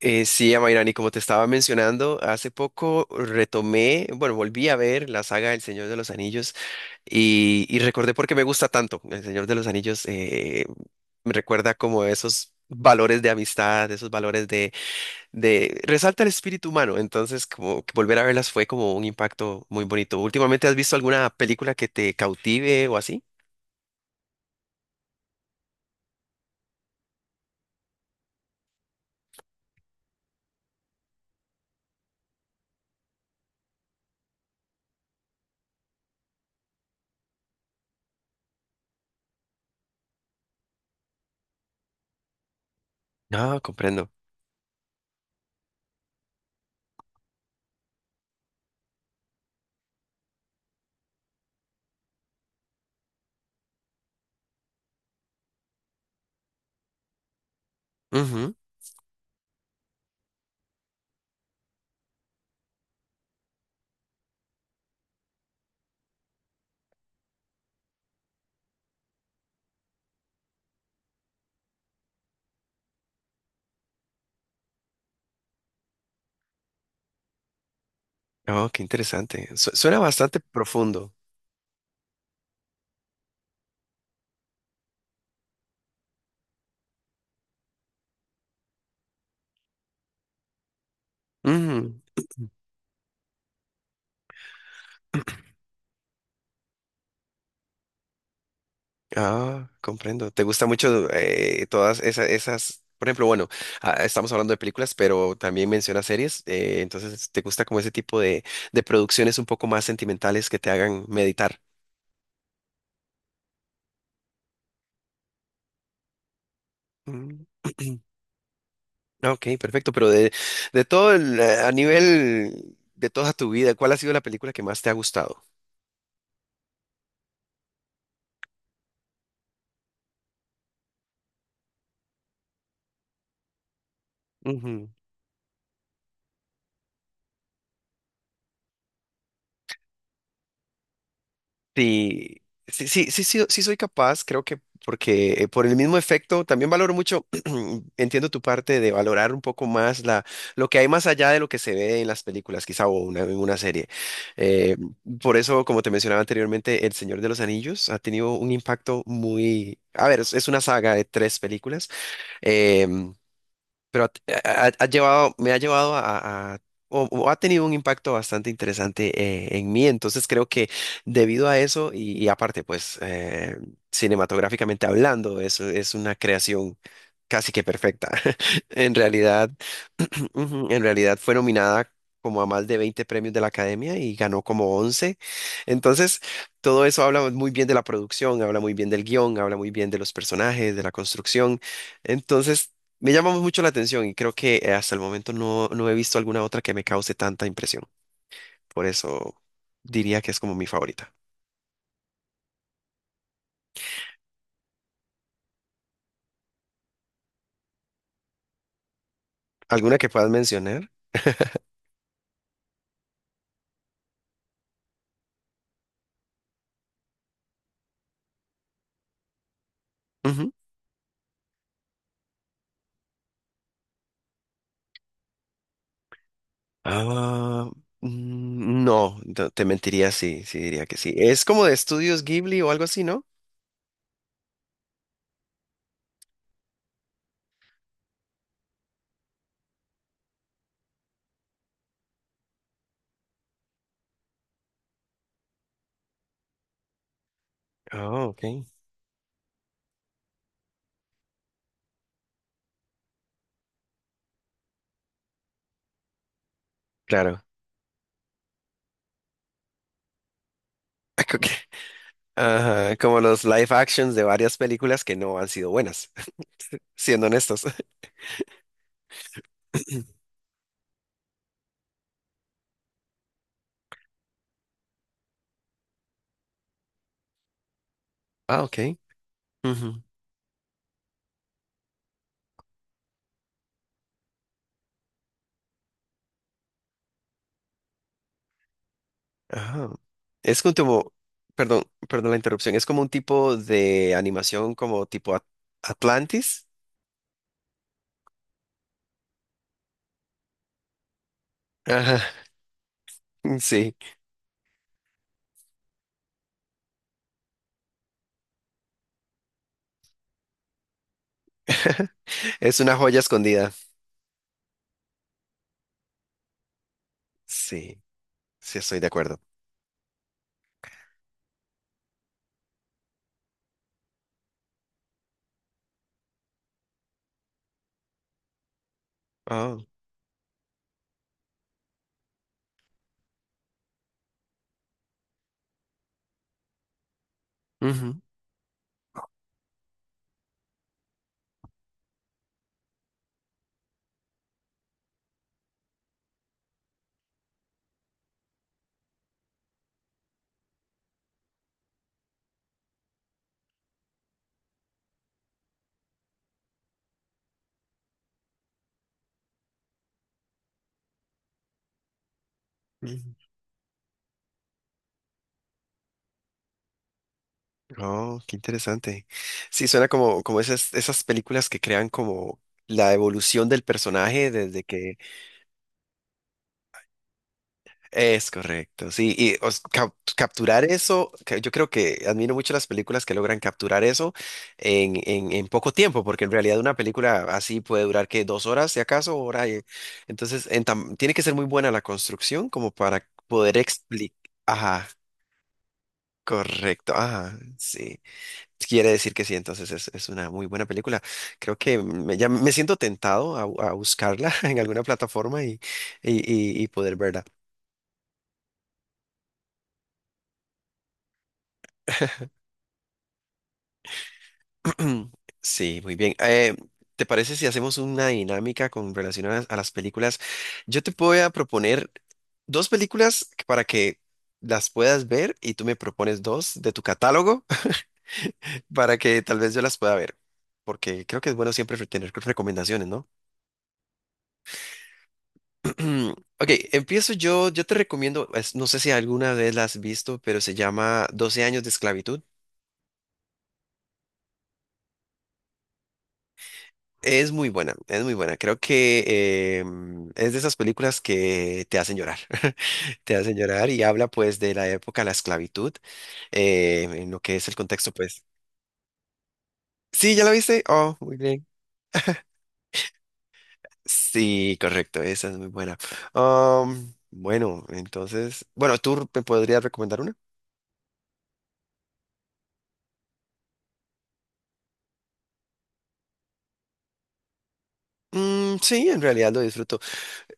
Sí, Amairani, como te estaba mencionando, hace poco retomé, bueno, volví a ver la saga El Señor de los Anillos y recordé por qué me gusta tanto. El Señor de los Anillos me recuerda como esos valores de amistad, esos valores de. Resalta el espíritu humano, entonces como que volver a verlas fue como un impacto muy bonito. ¿Últimamente has visto alguna película que te cautive o así? Ah, comprendo. Ujú. Oh, qué interesante. Suena bastante profundo. Ujú. Ah, comprendo. ¿Te gusta mucho todas esas, por ejemplo, bueno, ah, estamos hablando de películas, pero también menciona series, entonces ¿te gusta como ese tipo de producciones un poco más sentimentales que te hagan meditar? Mm. Ok, perfecto, pero de todo a nivel de toda tu vida, ¿cuál ha sido la película que más te ha gustado? Sí, sí, sí, sí, sí, sí soy capaz, creo que porque por el mismo efecto también valoro mucho, entiendo tu parte de valorar un poco más lo que hay más allá de lo que se ve en las películas, quizá o en una serie. Eh, por eso, como te mencionaba anteriormente, El Señor de los Anillos ha tenido un impacto A ver, es una saga de tres películas. em, pero me ha llevado o ha tenido un impacto bastante interesante en mí. Entonces creo que debido a eso y aparte, pues cinematográficamente hablando, eso es una creación casi que perfecta. En realidad, en realidad fue nominada como a más de 20 premios de la Academia y ganó como 11. Entonces, todo eso habla muy bien de la producción, habla muy bien del guión, habla muy bien de los personajes, de la construcción. Entonces, me llama mucho la atención y creo que hasta el momento no, no he visto alguna otra que me cause tanta impresión. Por eso diría que es como mi favorita. ¿Alguna que puedas mencionar? Ujú. Ah, no, no, te mentiría sí, sí diría que sí. Es como de estudios Ghibli o algo así, ¿no? Ah, ok. Claro. Ok. Ajá, como los live actions de varias películas que no han sido buenas, siendo honestos. Ah, ok. Ajá. Es un tipo, perdón, perdón la interrupción, es como un tipo de animación como tipo Atlantis. Ajá, sí, es una joya escondida. Sí, sí, estoy de acuerdo. Oh, ujú, ujú. Oh, qué interesante. Sí, suena como, esas películas que crean como la evolución del personaje desde que. Es correcto, sí, y capturar eso, que yo creo que admiro mucho las películas que logran capturar eso en poco tiempo, porque en realidad una película así puede durar que 2 horas, si acaso, hora y- entonces tiene que ser muy buena la construcción como para poder explicar, ajá, correcto, ajá, sí, quiere decir que sí, entonces es, una muy buena película, creo que ya me siento tentado a buscarla en alguna plataforma y, y poder verla. Sí, muy bien. ¿Te parece si hacemos una dinámica con relación a a las películas? Yo te voy a proponer dos películas para que las puedas ver y tú me propones dos de tu catálogo. Para que tal vez yo las pueda ver, porque creo que es bueno siempre tener recomendaciones, ¿no? Ok, empiezo yo. Yo te recomiendo, no sé si alguna vez la has visto, pero se llama 12 años de esclavitud. Es muy buena, es muy buena. Creo que es de esas películas que te hacen llorar, te hacen llorar y habla pues de la época de la esclavitud, en lo que es el contexto pues. Sí, ¿ya la viste? Oh, muy bien. Sí, correcto, esa es muy buena. Bueno, entonces, bueno, ¿tú me podrías recomendar una? Mm, sí, en realidad lo disfruto.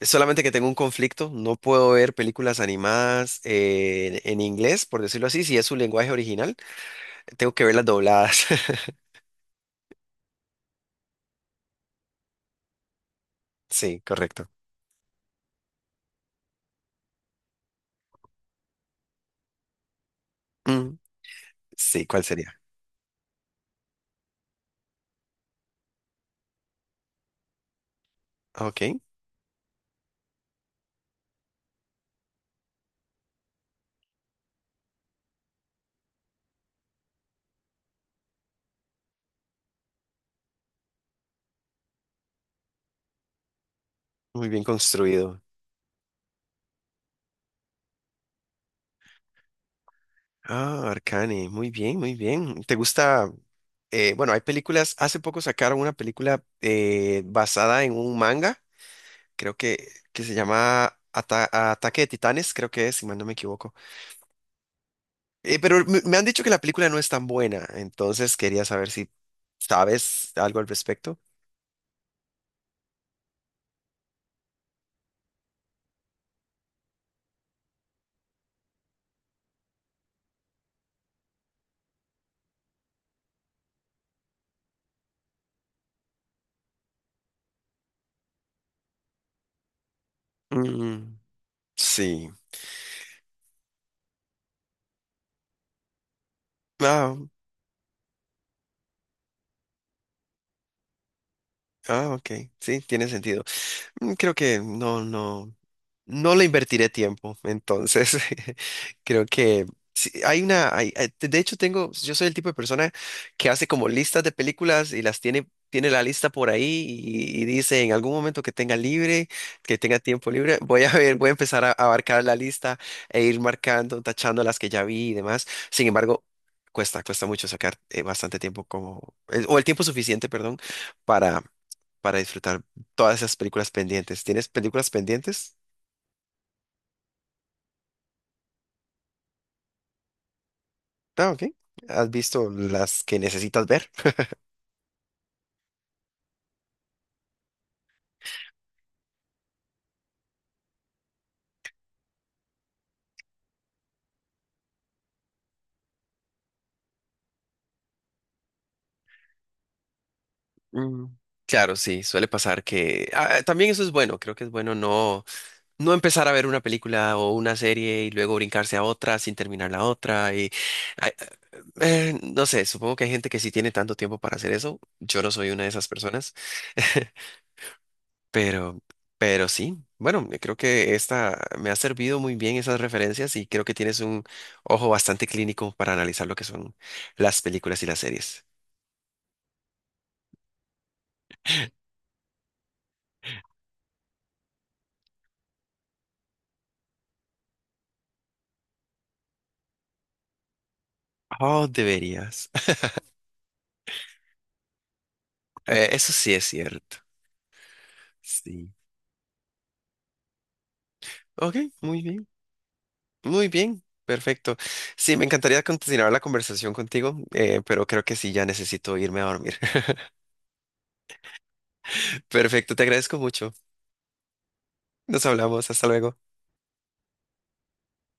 Solamente que tengo un conflicto, no puedo ver películas animadas en inglés, por decirlo así, si es su lenguaje original, tengo que verlas dobladas. Sí, correcto. Mm, sí, ¿cuál sería? Ok, muy bien construido. Ah, Arcane, muy bien, muy bien. ¿Te gusta? Bueno, hay películas, hace poco sacaron una película basada en un manga, creo que se llama Ataque de Titanes, creo que es, si mal no me equivoco. Pero me han dicho que la película no es tan buena, entonces quería saber si sabes algo al respecto. Mm, sí. Ah, ah, ok. Sí, tiene sentido. Mm. Creo que no, no. No le invertiré tiempo, entonces creo que sí, hay una, hay- hay- de hecho tengo, yo soy el tipo de persona que hace como listas de películas y las tiene, la lista por ahí y dice en algún momento que tenga libre, que tenga tiempo libre, voy a empezar a abarcar la lista e ir marcando, tachando las que ya vi y demás. Sin embargo, cuesta mucho sacar bastante tiempo o el tiempo suficiente, perdón, para, para disfrutar todas esas películas pendientes. ¿Tienes películas pendientes? Ah, ok. ¿Has visto las que necesitas ver? Mm, claro, sí, suele pasar que también eso es bueno, creo que es bueno no empezar a ver una película o una serie y luego brincarse a otra sin terminar la otra y ay, no sé, supongo que hay gente que sí tiene tanto tiempo para hacer eso, yo no soy una de esas personas, pero pero sí, bueno, creo que esta me ha servido muy bien esas referencias y creo que tienes un ojo bastante clínico para analizar lo que son las películas y las series. Oh, deberías. Eso sí es cierto. Sí. Ok, muy bien. Muy bien. Perfecto. Sí, me encantaría continuar la conversación contigo, pero creo que sí, ya necesito irme a dormir. Perfecto, te agradezco mucho. Nos hablamos. Hasta luego.